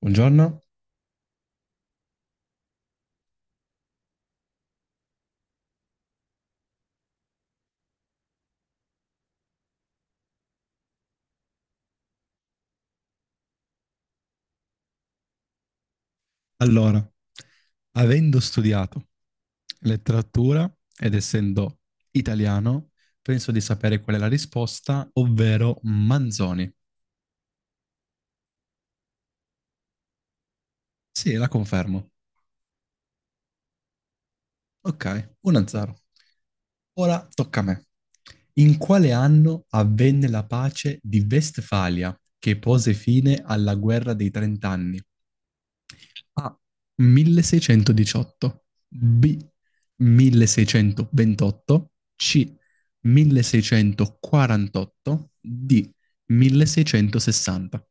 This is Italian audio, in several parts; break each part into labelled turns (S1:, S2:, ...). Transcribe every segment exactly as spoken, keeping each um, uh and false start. S1: Buongiorno. Allora, avendo studiato letteratura ed essendo italiano, penso di sapere qual è la risposta, ovvero Manzoni. Sì, la confermo. Ok, uno a zero. Ora tocca a me. In quale anno avvenne la pace di Vestfalia che pose fine alla guerra dei trent'anni? A. milleseicentodiciotto. B. milleseicentoventotto. C. milleseicentoquarantotto. D. milleseicentosessanta.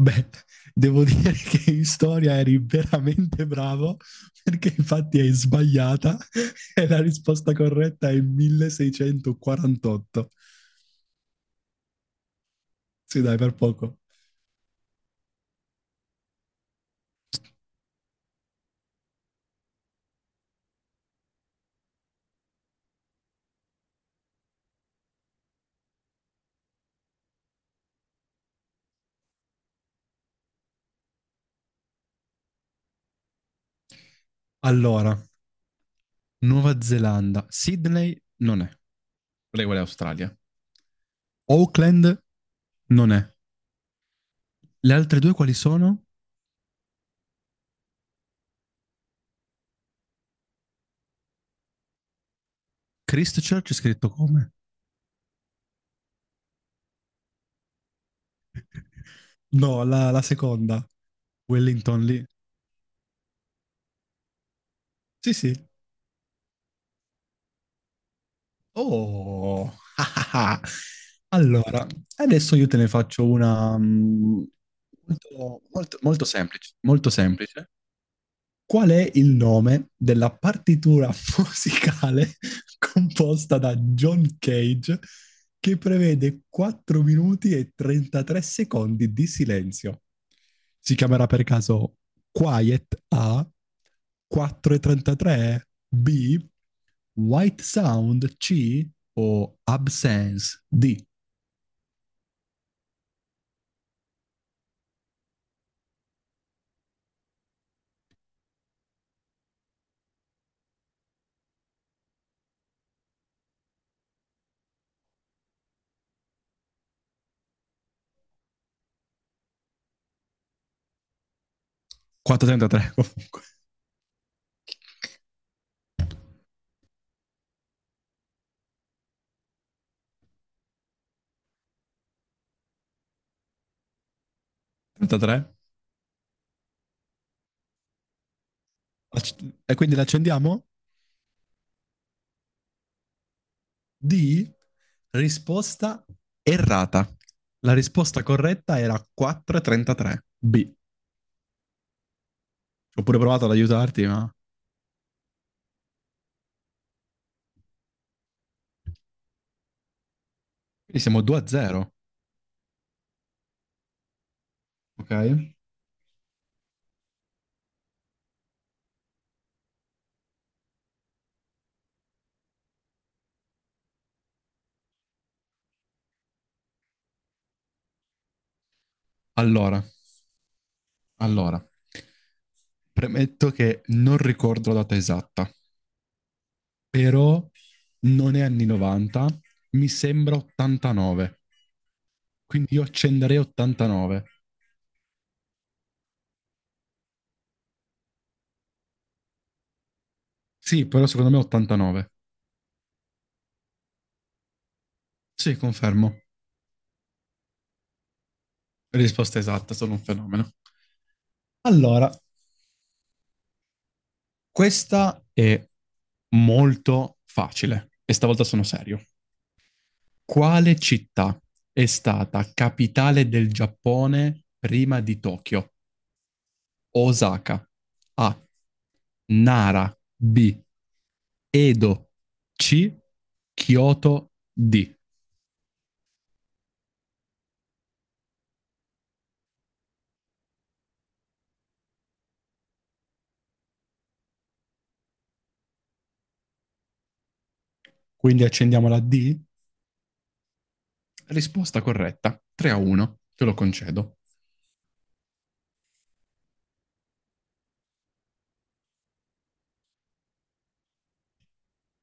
S1: Beh, devo dire che in storia eri veramente bravo perché infatti hai sbagliata e la risposta corretta è milleseicentoquarantotto. Sì, dai, per poco. Allora, Nuova Zelanda, Sydney non è. Lei vuole Australia. Oakland non è. Le altre due quali sono? Christchurch è scritto come? No, la, la seconda. Wellington lì. Sì, sì. Oh, ah, ah, ah. Allora, adesso io te ne faccio una mm, molto, molto- molto semplice, molto semplice. Qual è il nome della partitura musicale composta da John Cage che prevede quattro minuti e trentatré secondi di silenzio? Si chiamerà per caso Quiet A, quattro e trentatré B, White Sound C o Absence D? quattro trentatré comunque. trentatré? Acc- E quindi l'accendiamo? D. Risposta errata. La risposta corretta era quattro trentatré. B. Ho pure provato ad aiutarti, ma... Quindi siamo due a zero. Ok. Allora, allora. Premetto che non ricordo la data esatta, però non è anni novanta, mi sembra ottantanove. Quindi io accenderei ottantanove. Sì, però secondo me ottantanove. Sì, confermo. Risposta esatta, sono un fenomeno. Allora, questa è molto facile e stavolta sono serio. Quale città è stata capitale del Giappone prima di Tokyo? Osaka. A. Nara. B. Edo. C. Kyoto. D. Quindi accendiamo la D? Risposta corretta. tre a uno. Te lo concedo.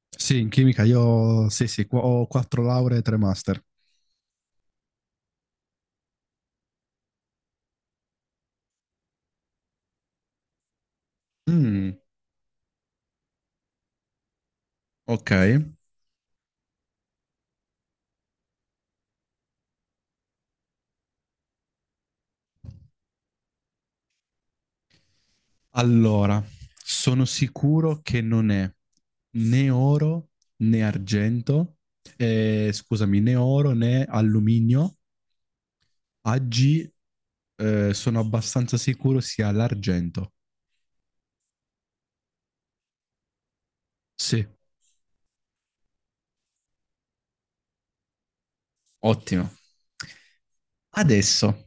S1: Sì, in chimica io sì, sì, qu- ho quattro lauree e tre master. Mm, ok. Allora, sono sicuro che non è né oro né argento, eh, scusami, né oro né alluminio. Oggi eh, sono abbastanza sicuro sia l'argento. Sì, ottimo. Adesso,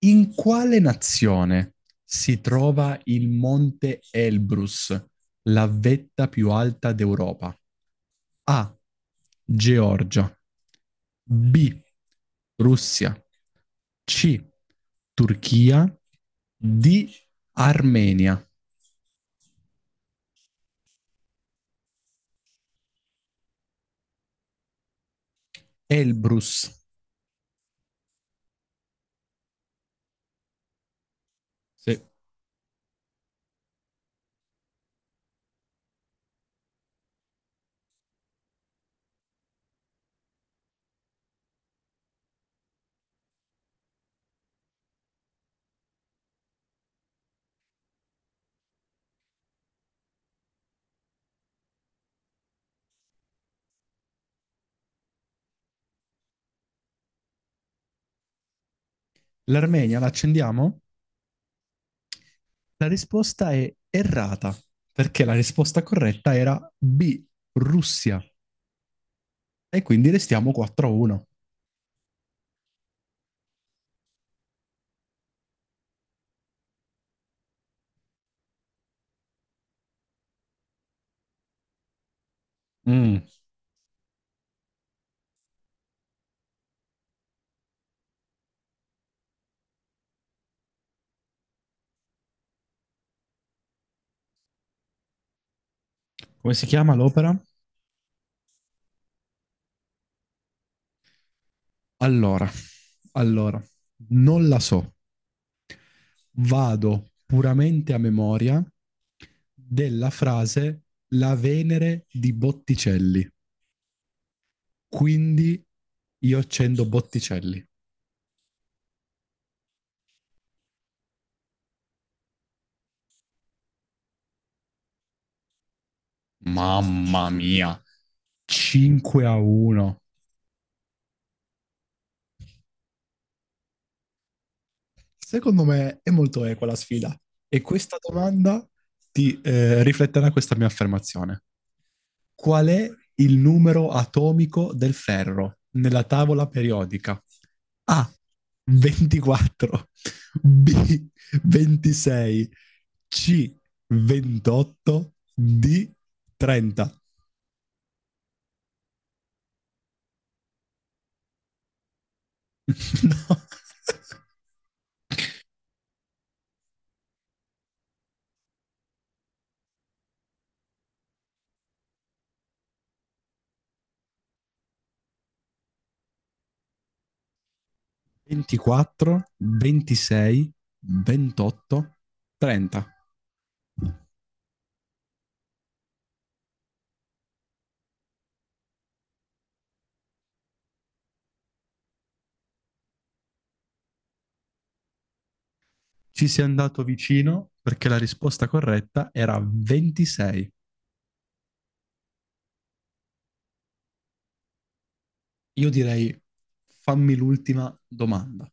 S1: in quale nazione si trova il Monte Elbrus, la vetta più alta d'Europa? A. Georgia. B. Russia. C. Turchia. D. Armenia. Elbrus. Sì. L'Armenia la accendiamo? La risposta è errata, perché la risposta corretta era B. Russia. E quindi restiamo quattro a uno. Mm. Come si chiama l'opera? Allora, allora, non la so, vado puramente a memoria della frase la Venere di Botticelli. Quindi io accendo Botticelli. Mamma mia, cinque a uno. Secondo me è molto equa la sfida. E questa domanda ti eh, rifletterà questa mia affermazione. Qual è il numero atomico del ferro nella tavola periodica? A. ventiquattro, B. ventisei, C. ventotto, D. trenta. No. ventiquattro, ventisei, ventotto, trenta. Ci sei andato vicino perché la risposta corretta era ventisei. Io direi fammi l'ultima domanda.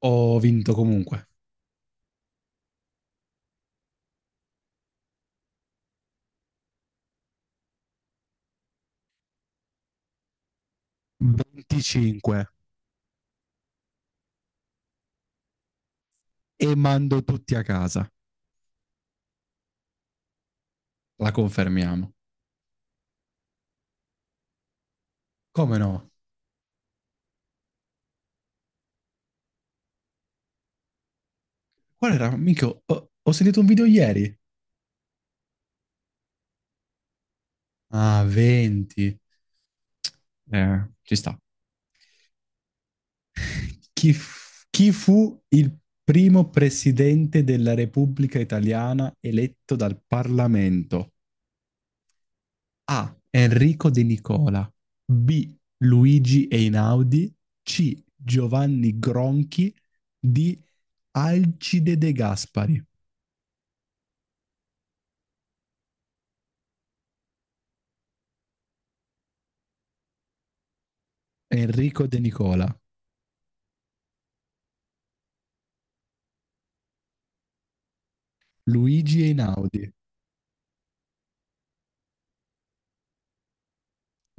S1: Ho vinto comunque venticinque e mando tutti a casa. La confermiamo. Come no? Qual era? Minchia, ho, ho sentito un video ieri. Ah, venti. Eh, ci sta. Chi, f- chi fu il primo presidente della Repubblica Italiana eletto dal Parlamento? A. Enrico De Nicola. B. Luigi Einaudi. C. Giovanni Gronchi. D. Alcide De Gaspari. Enrico De Nicola. Luigi Einaudi.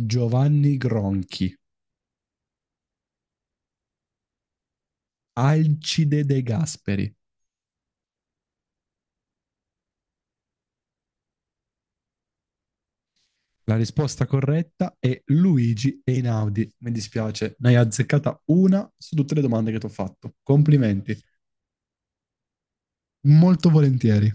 S1: Giovanni Gronchi. Alcide De Gasperi. La risposta corretta è Luigi Einaudi. Mi dispiace, ne hai azzeccata una su tutte le domande che ti ho fatto. Complimenti. Molto volentieri.